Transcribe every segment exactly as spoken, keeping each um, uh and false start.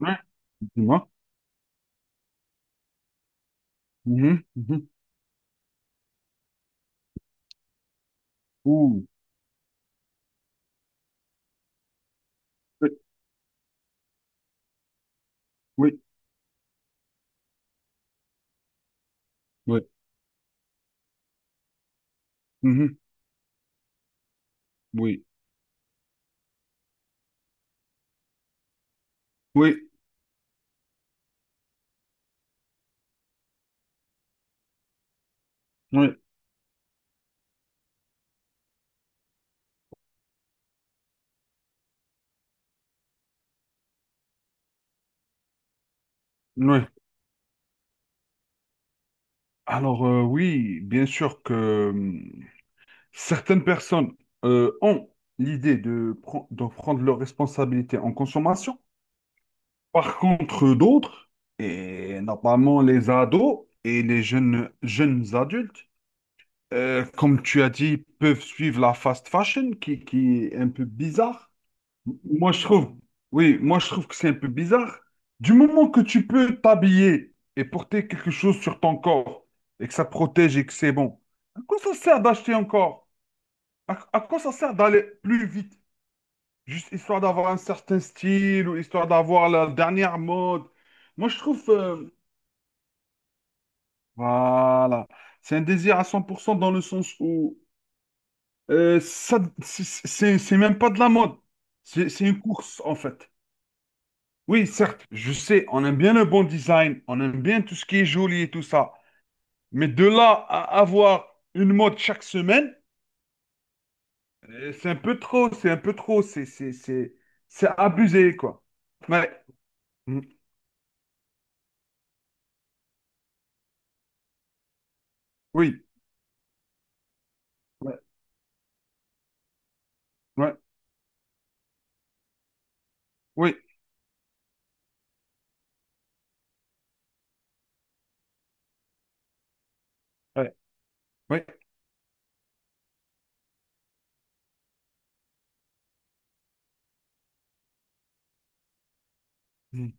Ouais, dis-moi. Mhm, mhm. Ouh, oui, oui, oui, mhm, oui, oui, oui, oui. Alors, euh, oui, bien sûr que hum, certaines personnes euh, ont l'idée de, pre- de prendre leurs responsabilités en consommation. Par contre, d'autres, et notamment les ados et les jeunes, jeunes adultes, euh, comme tu as dit, peuvent suivre la fast fashion qui, qui est un peu bizarre. Moi, je trouve, oui, moi, je trouve que c'est un peu bizarre. Du moment que tu peux t'habiller et porter quelque chose sur ton corps et que ça protège et que c'est bon, à quoi ça sert d'acheter encore? À, à quoi ça sert d'aller plus vite? Juste histoire d'avoir un certain style ou histoire d'avoir la dernière mode. Moi, je trouve, euh, voilà, c'est un désir à cent pour cent dans le sens où euh, ça, c'est c'est- c'est même pas de la mode. C'est c'est une course, en fait. Oui, certes, je sais, on aime bien le bon design, on aime bien tout ce qui est joli et tout ça. Mais de là à avoir une mode chaque semaine, euh, c'est un peu trop, c'est un peu trop, c'est c'est- c'est- c'est abusé, quoi. Ouais. Mhm. Oui, ouais, ouais, oui, ouais, ouais. Mhm.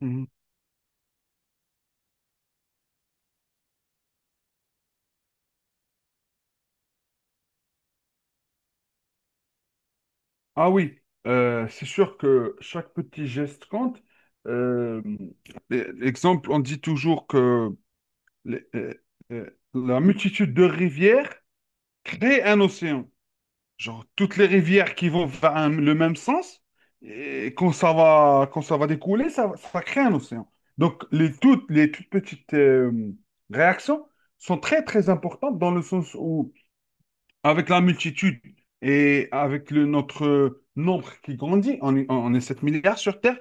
Mhm. Ah oui. Euh, c'est sûr que chaque petit geste compte. Euh, l- Exemple, on dit toujours que les- euh, euh, la multitude de rivières crée un océan. Genre, toutes les rivières qui vont vers un- le même sens, et quand ça va, quand ça va découler, ça, va- ça va créer un océan. Donc, les, toutes, les toutes petites euh, réactions sont très, très importantes dans le sens où, avec la multitude et avec le, notre euh, nombre qui grandit, on est, on est sept milliards sur Terre,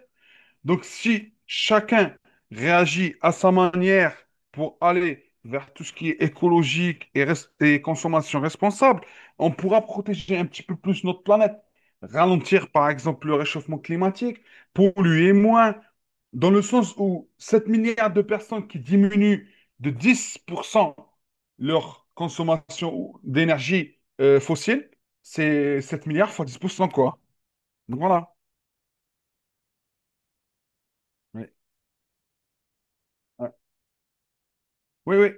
donc, si chacun réagit à sa manière pour aller vers tout ce qui est écologique et, res- et consommation responsable, on pourra protéger un petit peu plus notre planète, ralentir par exemple le réchauffement climatique, polluer moins, dans le sens où sept milliards de personnes qui diminuent de dix pour cent leur consommation d'énergie euh, fossile, c'est sept milliards fois dix pour cent quoi. Donc voilà. Oui, ouais. Oui. Oui.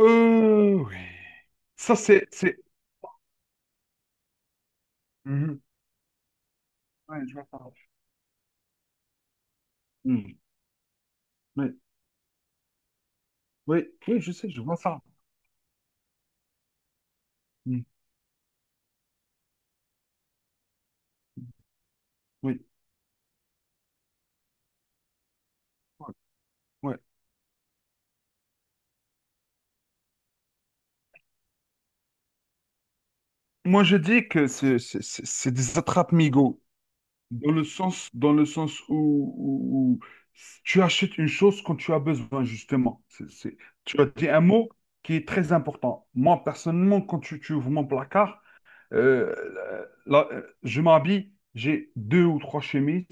Euh, oui. Ça, c'est, c'est... Mhm. Ouais, je vois ça. Mhm. Oui, oui, oui, je sais, je vois ça. Mhm. Oui, ouais, ouais. Moi, je dis que c'est c'est- c'est- c'est des attrape-migots, dans le sens, dans le sens où, où- où tu achètes une chose quand tu as besoin, justement. C'est, c'est- Tu as dit un mot qui est très important. Moi, personnellement, quand tu, tu ouvres mon placard, Euh, euh, là, euh, je m'habille, j'ai deux ou trois chemises,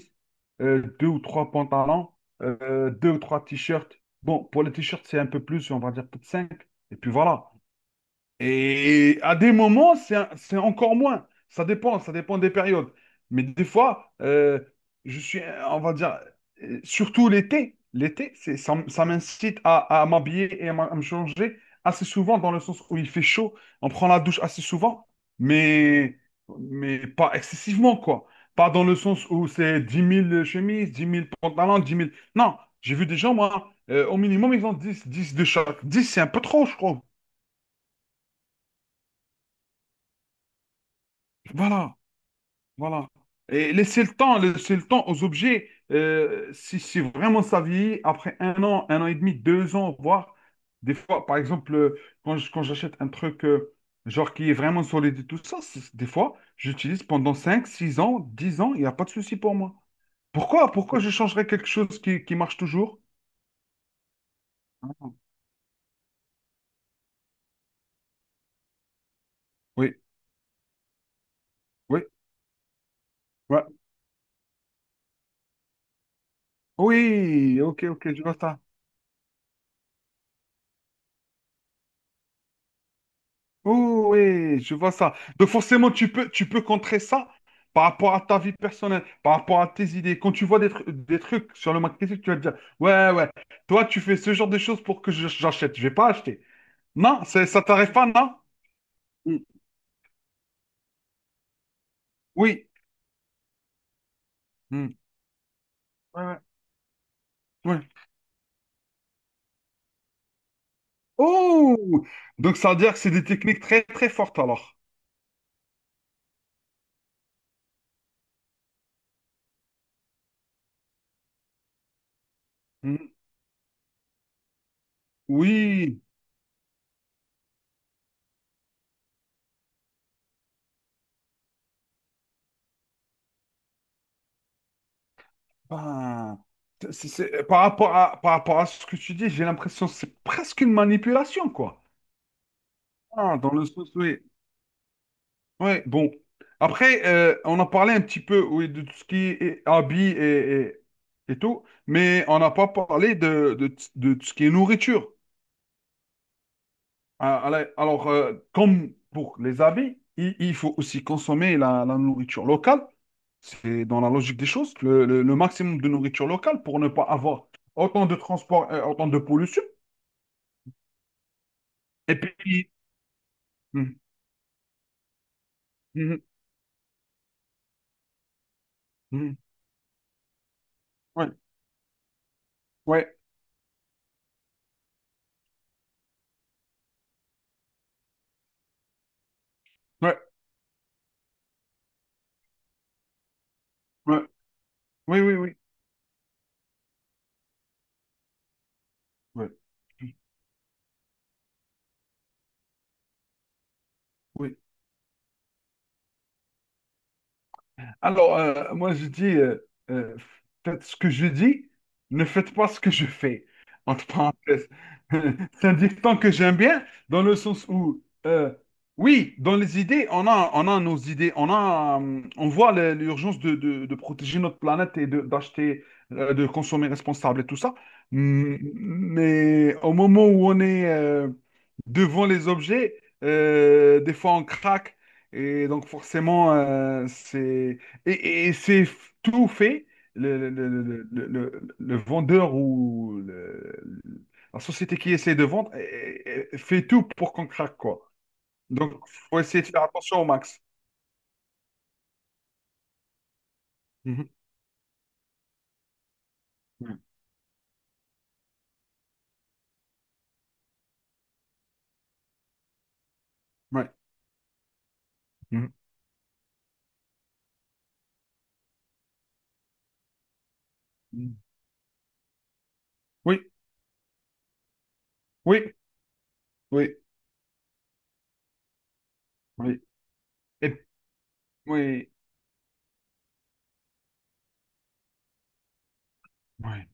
euh, deux ou trois pantalons, euh, deux ou trois t-shirts. Bon, pour les t-shirts, c'est un peu plus, on va dire peut-être cinq. Et puis voilà. Et à des moments, c'est un- c'est encore moins. Ça dépend, ça dépend des périodes. Mais des fois, euh, je suis, euh, on va dire, euh, surtout l'été, l'été, c'est, ça, m- ça m'incite à, à m'habiller et à, m- à me changer assez souvent, dans le sens où il fait chaud, on prend la douche assez souvent, mais, mais pas excessivement, quoi. Pas dans le sens où c'est dix mille chemises, dix mille pantalons, dix mille. Non, j'ai vu des gens, moi, euh, au minimum, ils ont dix dix de chaque. Dix, c'est un peu trop, je trouve. Voilà. Voilà. Et laisser le temps, laisser le temps aux objets. Euh, si, si vraiment ça vieillit, après un an, un an et demi, deux ans, voire des fois, par exemple, euh, quand je- quand j'achète un truc euh, genre qui est vraiment solide et tout ça, c'est- des fois, j'utilise pendant cinq, six ans, dix ans, il n'y a pas de souci pour moi. Pourquoi, pourquoi je changerais quelque chose qui, qui marche toujours? Ah, oui, oui, ouais. Oui, ok, ok, je vois ça. Oh oui, je vois ça. Donc forcément, tu peux, tu peux contrer ça par rapport à ta vie personnelle, par rapport à tes idées. Quand tu vois des, tru- des trucs sur le marketing, tu vas te dire, ouais, ouais, toi, tu fais ce genre de choses pour que je- j'achète. Je vais pas acheter. Non, c'est- ça t'arrive pas, non? Mm. Oui. Hmm. Ouais, ouais, ouais. Oh! Donc ça veut dire que c'est des techniques très, très fortes alors. Hmm. Oui. Ben, c'est- c'est- par rapport à, par rapport à ce que tu dis, j'ai l'impression que c'est presque une manipulation, quoi. Ah, dans le sens, oui. Ouais, bon. Après, euh, on a parlé un petit peu oui, de tout ce qui est habits et, et, et tout, mais on n'a pas parlé de, de, de tout ce qui est nourriture. Ah, allez. Alors, euh, comme pour les habits, il, il faut aussi consommer la, la nourriture locale. C'est dans la logique des choses, le, le- le maximum de nourriture locale pour ne pas avoir autant de transport, euh, autant de pollution. Et puis, mhm, mhm, mhm. Ouais, ouais, ouais, ouais. Oui, oui, oui. Ouais. Mmh. Oui. Alors, euh, moi, je dis, euh, euh, faites ce que je dis, ne faites pas ce que je fais. Entre parenthèses. C'est un dicton que j'aime bien, dans le sens où, euh, oui, dans les idées, on a, on a nos idées, on a, hum, on voit le- l'urgence de, de- de protéger notre planète et de- d'acheter, euh, de consommer responsable et tout ça. Hum, Mais au moment où on est euh, devant les objets, euh, des fois on craque. Et donc forcément, euh, c'est et, et c'est f- tout fait, le, le, le- le- le- le le vendeur ou le- la société qui essaie de vendre eh, eh, fait tout pour qu'on craque, quoi. Donc, faut essayer de faire attention au max. Mhm. Mhm. Ouais. Mhm. Mhm. Oui, oui, oui, oui. Et- oui, oui,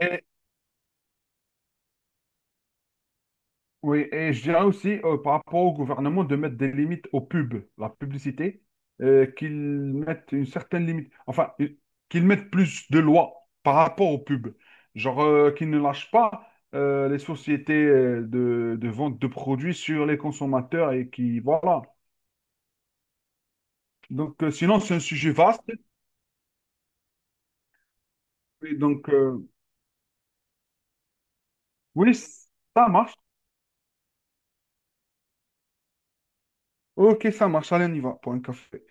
oui. Oui, et je dirais aussi euh, par rapport au gouvernement de mettre des limites aux pubs, la publicité, euh, qu'ils mettent une certaine limite, enfin, euh, qu'ils mettent plus de lois par rapport aux pubs. Genre euh, qu'ils ne lâchent pas euh, les sociétés euh, de, de vente de produits sur les consommateurs et qui, voilà. Donc, euh, sinon, c'est un sujet vaste. Et donc, euh, oui, ça marche. Ok, ça marche. Allez, on y va pour un café.